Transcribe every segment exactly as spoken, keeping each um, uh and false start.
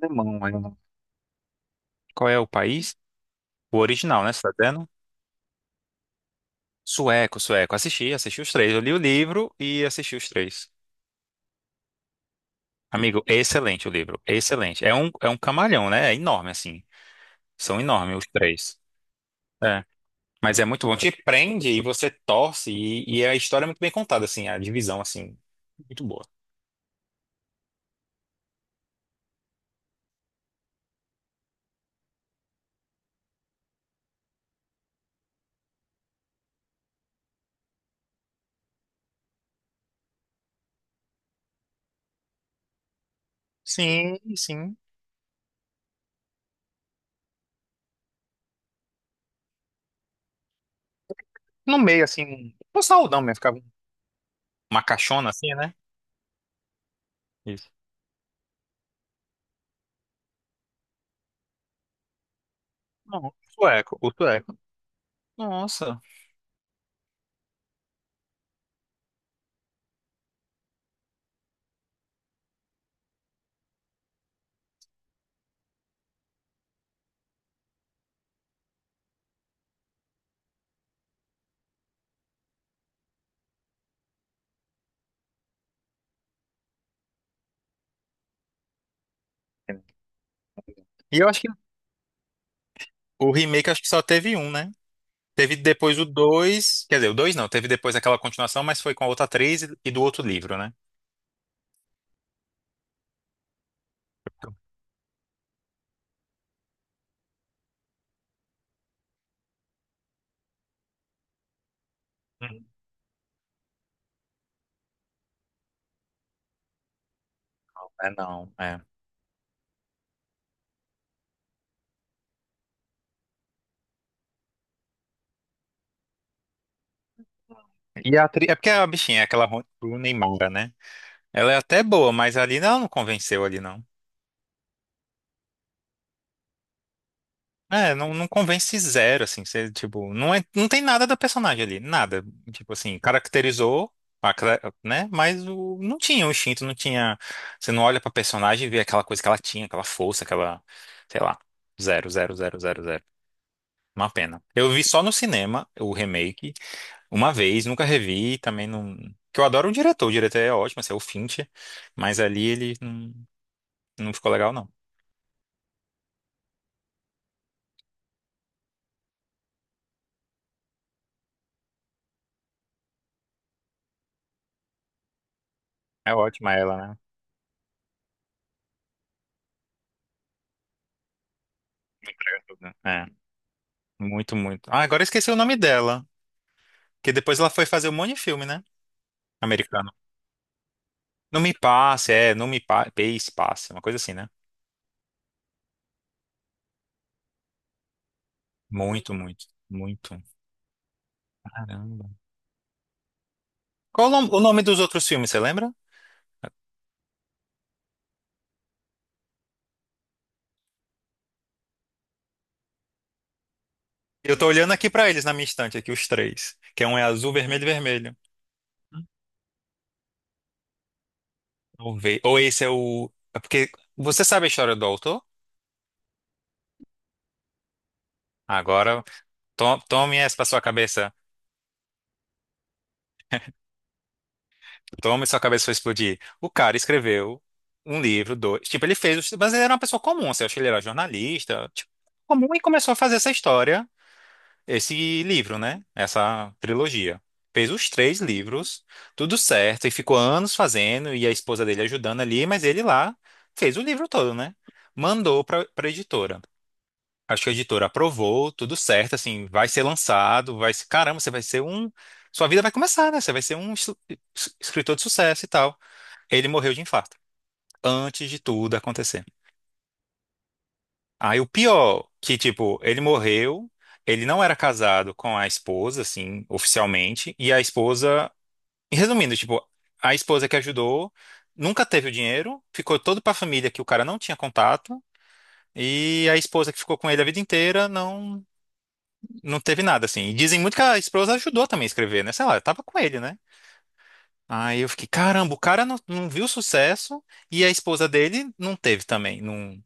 Alemão, é. Qual é o país? O original, né? Você tá vendo? Sueco, sueco. Assisti, assisti os três. Eu li o livro e assisti os três. Amigo, excelente o livro. Excelente. É um, é um camalhão, né? É enorme, assim. São enormes os três. É. Mas é muito bom. Te prende e você torce. E, e a história é muito bem contada, assim. A divisão, assim. Muito boa. Sim, sim. No meio, assim. Um saudão mesmo. Ficava uma caixona, assim, né? Isso. Não, o sueco, o sueco. Nossa. E eu acho que o remake acho que só teve um, né? Teve depois o dois, quer dizer, o dois não, teve depois aquela continuação, mas foi com a outra atriz e e do outro livro, né? Hum. É, não, é. E a atriz, é porque a bichinha é aquela Ro- Rooney Mara, né? Ela é até boa, mas ali não, não convenceu ali não. É, não, não convence zero, assim, você, tipo, não é, não tem nada da personagem ali, nada. Tipo assim, caracterizou, a cra- né? Mas o, não tinha o instinto, não tinha, você não olha pra personagem e vê aquela coisa que ela tinha, aquela força, aquela, sei lá, zero, zero, zero, zero, zero. Uma pena. Eu vi só no cinema o remake, uma vez, nunca revi, também não. Que eu adoro o diretor, o diretor é ótimo, assim, é o Fincher, mas ali ele não, não ficou legal, não. É ótima ela, né? Entrega tudo, né? É, muito, muito. Ah, agora eu esqueci o nome dela, que depois ela foi fazer um monte de filme, né? Americano. Não me passe, é, não me pa... passe, passe, uma coisa assim, né? Muito, muito, muito. Caramba. Qual o nom- o nome dos outros filmes, você lembra? Eu tô olhando aqui pra eles na minha estante, aqui, os três. Que é um é azul, vermelho e vermelho. Vamos ver. Ou esse é o. É porque você sabe a história do autor? Agora, to- tome essa pra sua cabeça. Tome sua cabeça vai explodir. O cara escreveu um livro, dois. Tipo, ele fez. Mas ele era uma pessoa comum. Você acha que ele era jornalista? Tipo, comum e começou a fazer essa história, esse livro, né? Essa trilogia. Fez os três livros, tudo certo, e ficou anos fazendo, e a esposa dele ajudando ali, mas ele lá fez o livro todo, né? Mandou pra, pra editora. Acho que a editora aprovou, tudo certo, assim, vai ser lançado, vai ser, caramba, você vai ser um, sua vida vai começar, né? Você vai ser um es- es- escritor de sucesso e tal. Ele morreu de infarto, antes de tudo acontecer. Aí o pior, que tipo, ele morreu, ele não era casado com a esposa, assim, oficialmente, e a esposa, e resumindo, tipo, a esposa que ajudou nunca teve o dinheiro, ficou todo pra família que o cara não tinha contato. E a esposa que ficou com ele a vida inteira não. Não teve nada, assim. E dizem muito que a esposa ajudou também a escrever, né? Sei lá, eu tava com ele, né? Aí eu fiquei, caramba, o cara não, não viu sucesso e a esposa dele não teve também. Não,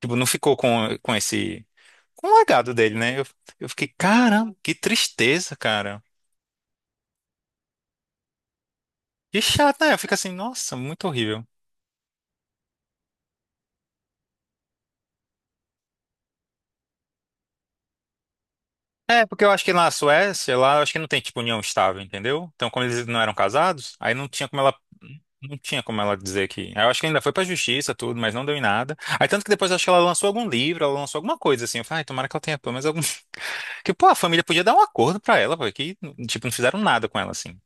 tipo, não ficou com, com esse... Com o legado dele, né? Eu, eu fiquei, caramba, que tristeza, cara. Que chato, né? Eu fico assim, nossa, muito horrível. É, porque eu acho que lá na Suécia, lá eu acho que não tem, tipo, união estável, entendeu? Então, como eles não eram casados, aí não tinha como ela. Não tinha como ela dizer que. Eu acho que ainda foi pra justiça, tudo, mas não deu em nada. Aí tanto que depois eu acho que ela lançou algum livro, ela lançou alguma coisa assim. Eu falei, ai, tomara que ela tenha pelo menos algum. Que, pô, a família podia dar um acordo pra ela, pô, que, tipo, não fizeram nada com ela assim.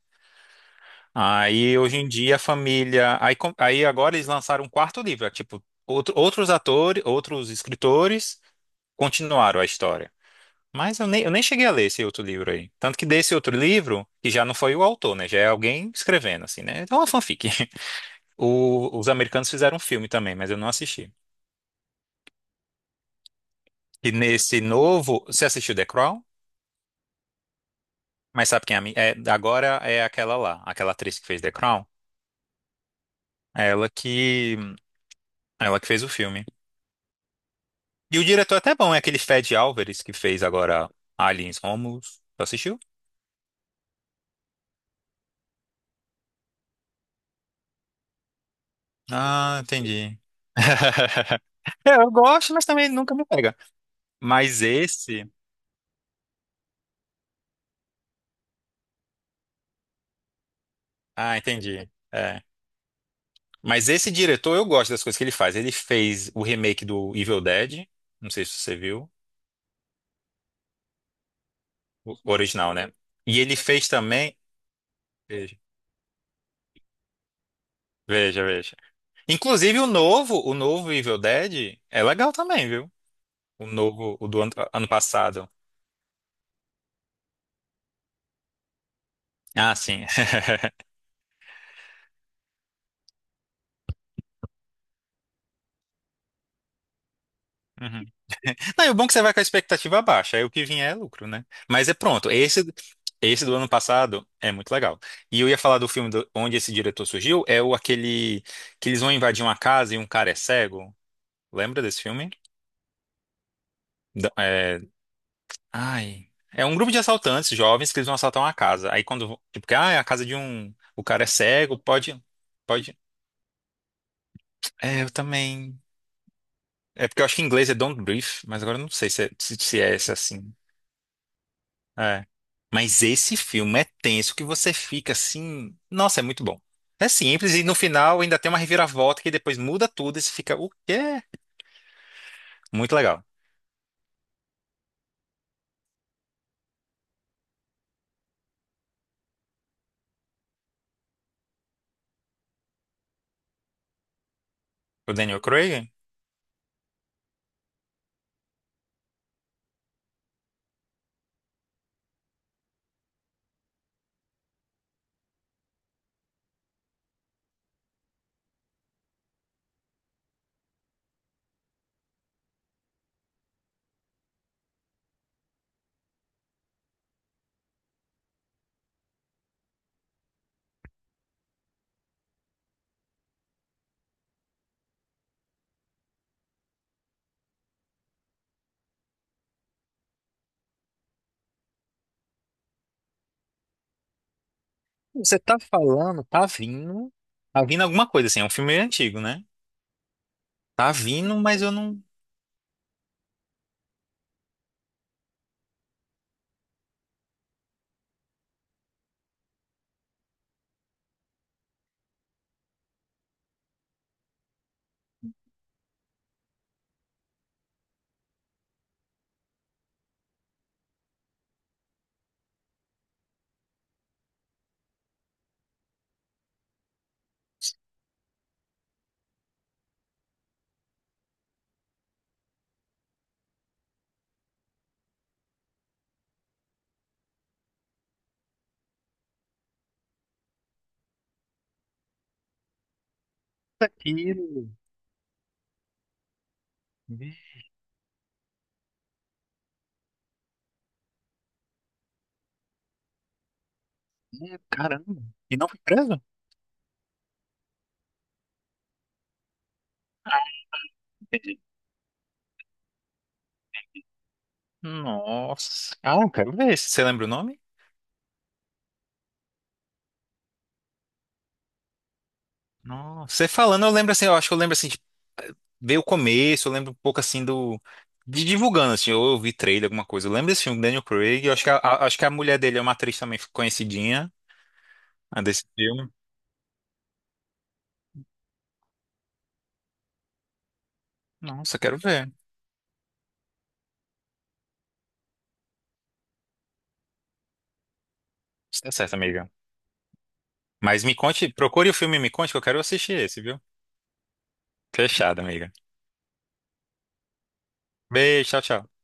Aí hoje em dia a família. Aí, com- aí agora eles lançaram um quarto livro, é, tipo, outro- outros atores, outros escritores continuaram a história. Mas eu nem, eu nem cheguei a ler esse outro livro aí. Tanto que desse outro livro, que já não foi o autor, né? Já é alguém escrevendo, assim, né? Então é uma fanfic. O- os americanos fizeram um filme também, mas eu não assisti. E nesse novo, você assistiu The Crown? Mas sabe quem é, a mi- é? Agora é aquela lá, aquela atriz que fez The Crown. É ela que, ela que fez o filme. E o diretor é até bom, é aquele Fed Álvares que fez agora Aliens Romulus. Tu assistiu? Ah, entendi. É, eu gosto, mas também nunca me pega. Mas esse. Ah, entendi. É. Mas esse diretor, eu gosto das coisas que ele faz. Ele fez o remake do Evil Dead. Não sei se você viu. O original, né? E ele fez também. Veja, veja, veja. Inclusive o novo, o novo Evil Dead é legal também, viu? O novo, o do ano, ano passado. Ah, sim. Uhum. Não, e o bom é que você vai com a expectativa baixa, aí o que vier é lucro, né? Mas é pronto, esse, esse do ano passado é muito legal. E eu ia falar do filme do- onde esse diretor surgiu, é o aquele que eles vão invadir uma casa e um cara é cego. Lembra desse filme? Da- é, ai. É um grupo de assaltantes jovens que eles vão assaltar uma casa. Aí quando, tipo, que, ah, é a casa de um, o cara é cego, pode, pode. É, eu também. É porque eu acho que em inglês é Don't Breathe, mas agora eu não sei se é, se, se é esse assim. É. Mas esse filme é tenso que você fica assim, nossa, é muito bom. É simples e no final ainda tem uma reviravolta que depois muda tudo e você fica, o quê? Muito legal. O Daniel Craig, você tá falando, tá vindo, tá vindo alguma coisa assim, é um filme antigo, né? Tá vindo, mas eu não aquilo. Meu, caramba. E não foi preso? Entendi. Nossa. Ah, eu quero ver. Você lembra o nome? Nossa. Você falando, eu lembro assim, eu acho que eu lembro assim, de ver o começo, eu lembro um pouco assim do. De divulgando, assim, ou eu vi trailer, alguma coisa. Eu lembro desse filme, Daniel Craig. Eu acho que a, a- acho que a mulher dele é uma atriz também conhecidinha, a desse filme. Nossa, eu quero ver. Isso tá certo, amiga. Mas me conte, procure o filme e me conte que eu quero assistir esse, viu? Fechado, amiga. Beijo, tchau, tchau.